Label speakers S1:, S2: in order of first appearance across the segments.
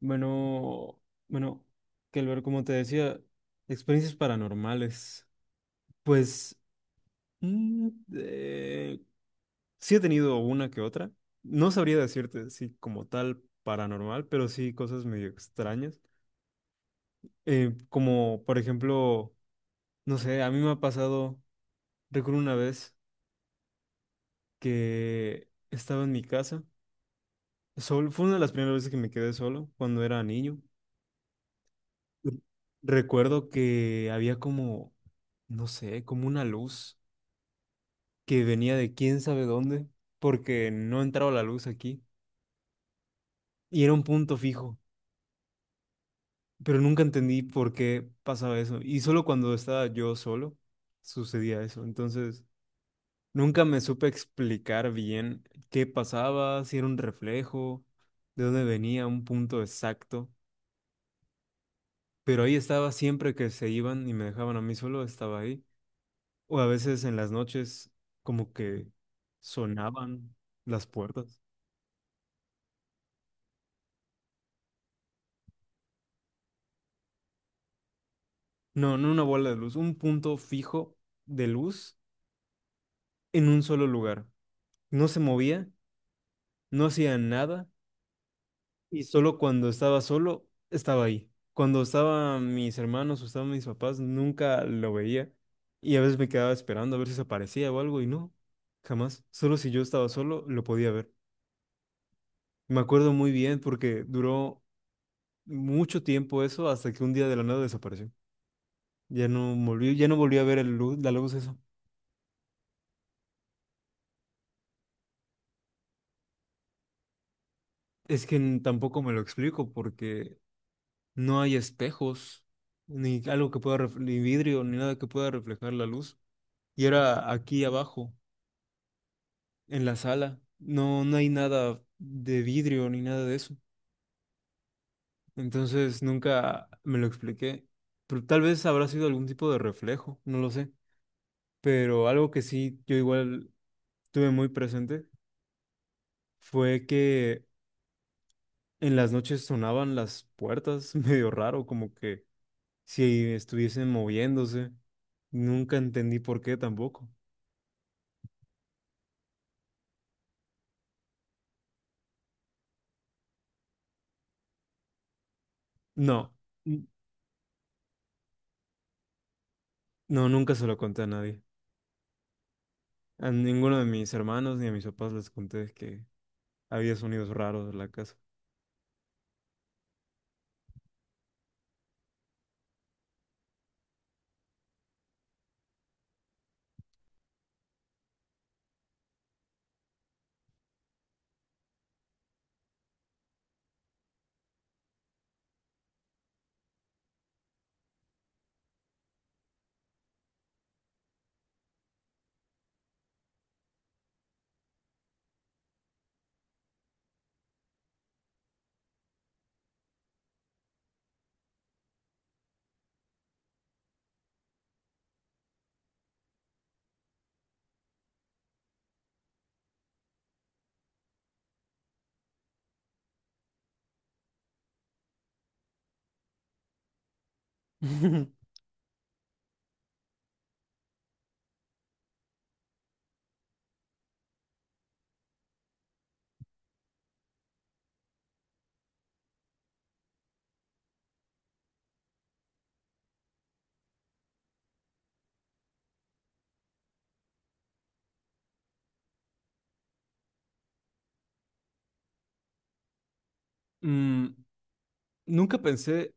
S1: Bueno, bueno, que ver como te decía, experiencias paranormales. Pues mm, eh, sí he tenido una que otra. No sabría decirte si como tal paranormal, pero sí cosas medio extrañas. Como por ejemplo, no sé, a mí me ha pasado, recuerdo una vez que estaba en mi casa, fue una de las primeras veces que me quedé solo cuando era niño. Recuerdo que había como, no sé, como una luz que venía de quién sabe dónde, porque no entraba la luz aquí y era un punto fijo, pero nunca entendí por qué pasaba eso. Y solo cuando estaba yo solo sucedía eso. Entonces, nunca me supe explicar bien qué pasaba, si era un reflejo, de dónde venía un punto exacto, pero ahí estaba siempre que se iban y me dejaban a mí solo, estaba ahí. O a veces en las noches como que sonaban las puertas. No, no una bola de luz, un punto fijo de luz en un solo lugar. No se movía, no hacía nada y solo cuando estaba solo estaba ahí. Cuando estaban mis hermanos o estaban mis papás, nunca lo veía y a veces me quedaba esperando a ver si se aparecía o algo y no, jamás. Solo si yo estaba solo lo podía ver. Me acuerdo muy bien porque duró mucho tiempo eso hasta que un día de la nada desapareció. Ya no volví a ver el luz, la luz eso. Es que tampoco me lo explico porque no hay espejos, ni algo ni vidrio, ni nada que pueda reflejar la luz. Y era aquí abajo, en la sala. No, no hay nada de vidrio ni nada de eso. Entonces nunca me lo expliqué. Pero tal vez habrá sido algún tipo de reflejo, no lo sé. Pero algo que sí yo igual tuve muy presente fue que en las noches sonaban las puertas medio raro, como que si estuviesen moviéndose. Nunca entendí por qué tampoco. No, n- no, nunca se lo conté a nadie. A ninguno de mis hermanos ni a mis papás les conté que había sonidos raros en la casa. Mm, nunca pensé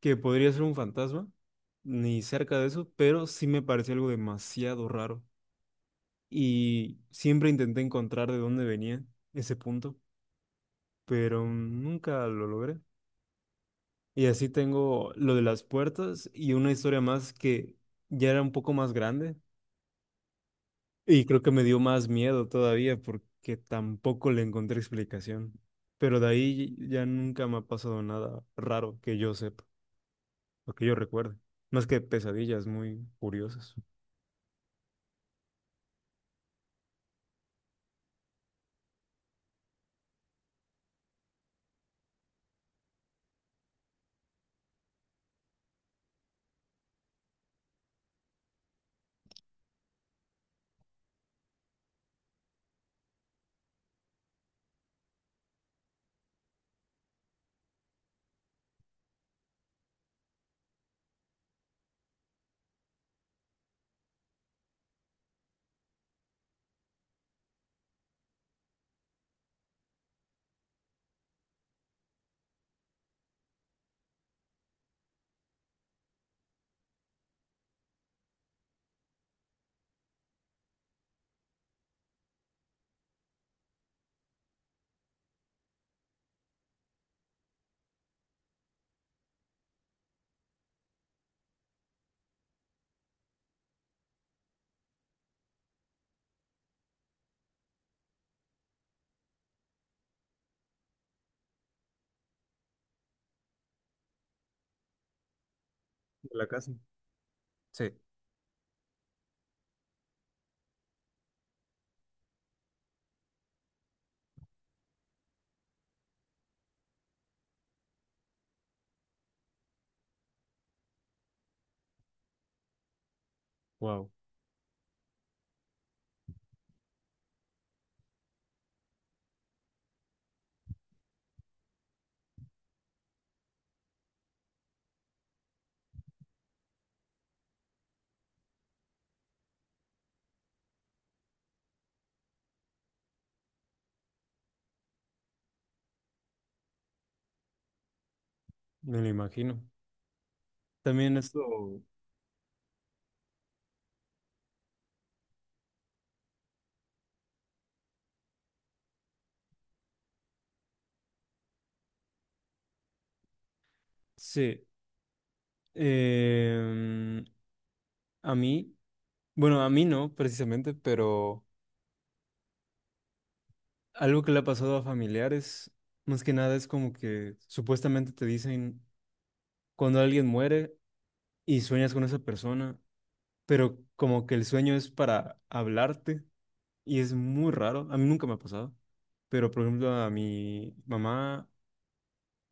S1: que podría ser un fantasma, ni cerca de eso, pero sí me pareció algo demasiado raro. Y siempre intenté encontrar de dónde venía ese punto, pero nunca lo logré. Y así tengo lo de las puertas y una historia más que ya era un poco más grande. Y creo que me dio más miedo todavía porque tampoco le encontré explicación. Pero de ahí ya nunca me ha pasado nada raro que yo sepa o que yo recuerde. Más que pesadillas muy curiosas. ¿De la casa? Sí. Wow, me lo imagino. También esto, sí. em, a mí, bueno, a mí no precisamente, pero algo que le ha pasado a familiares, más que nada es como que supuestamente te dicen cuando alguien muere y sueñas con esa persona, pero como que el sueño es para hablarte y es muy raro. A mí nunca me ha pasado, pero por ejemplo a mi mamá,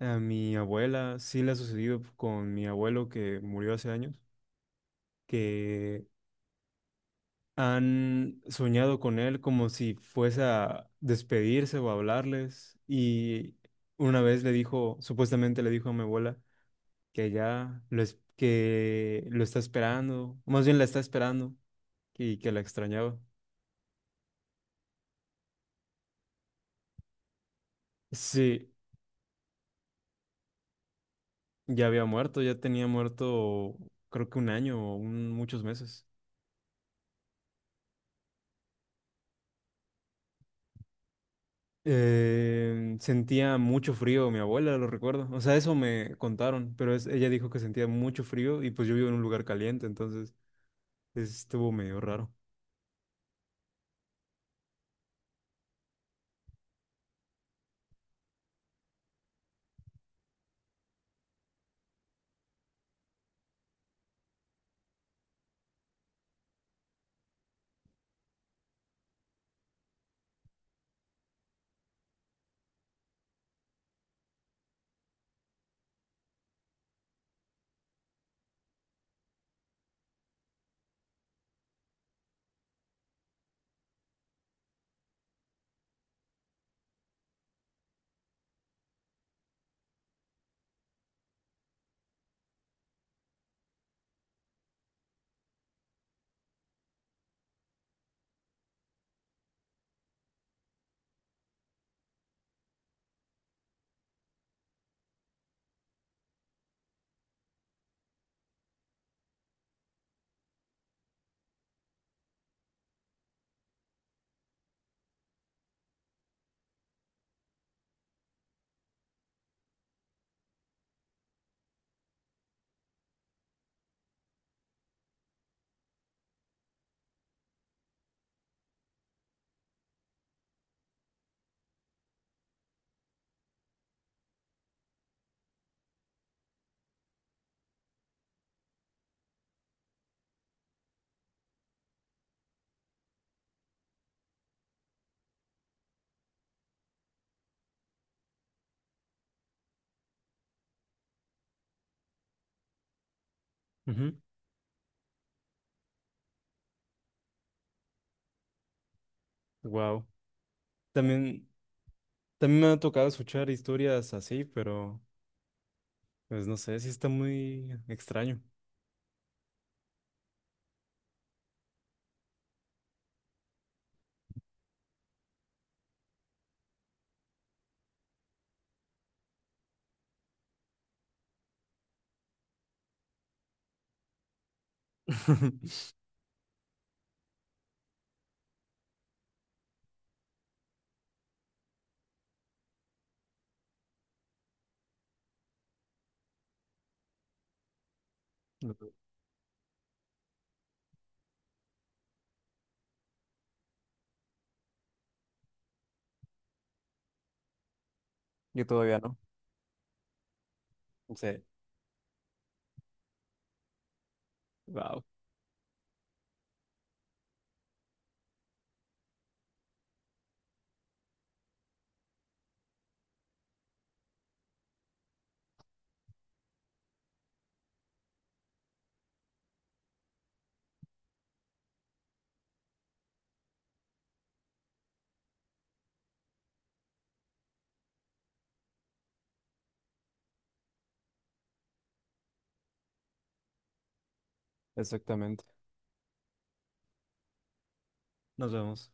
S1: a mi abuela, sí le ha sucedido con mi abuelo que murió hace años, que han soñado con él como si fuese a despedirse o a hablarles y una vez le dijo, supuestamente le dijo a mi abuela, que lo está esperando, o más bien la está esperando y que la extrañaba. Sí, ya había muerto, ya tenía muerto creo que un año o muchos meses. Sentía mucho frío, mi abuela lo recuerdo. O sea, eso me contaron, pero ella dijo que sentía mucho frío y pues yo vivo en un lugar caliente, entonces estuvo medio raro. Wow. También, también me ha tocado escuchar historias así, pero pues no sé, sí está muy extraño. Yo todavía no. Sí, wow, exactamente. Nos vemos.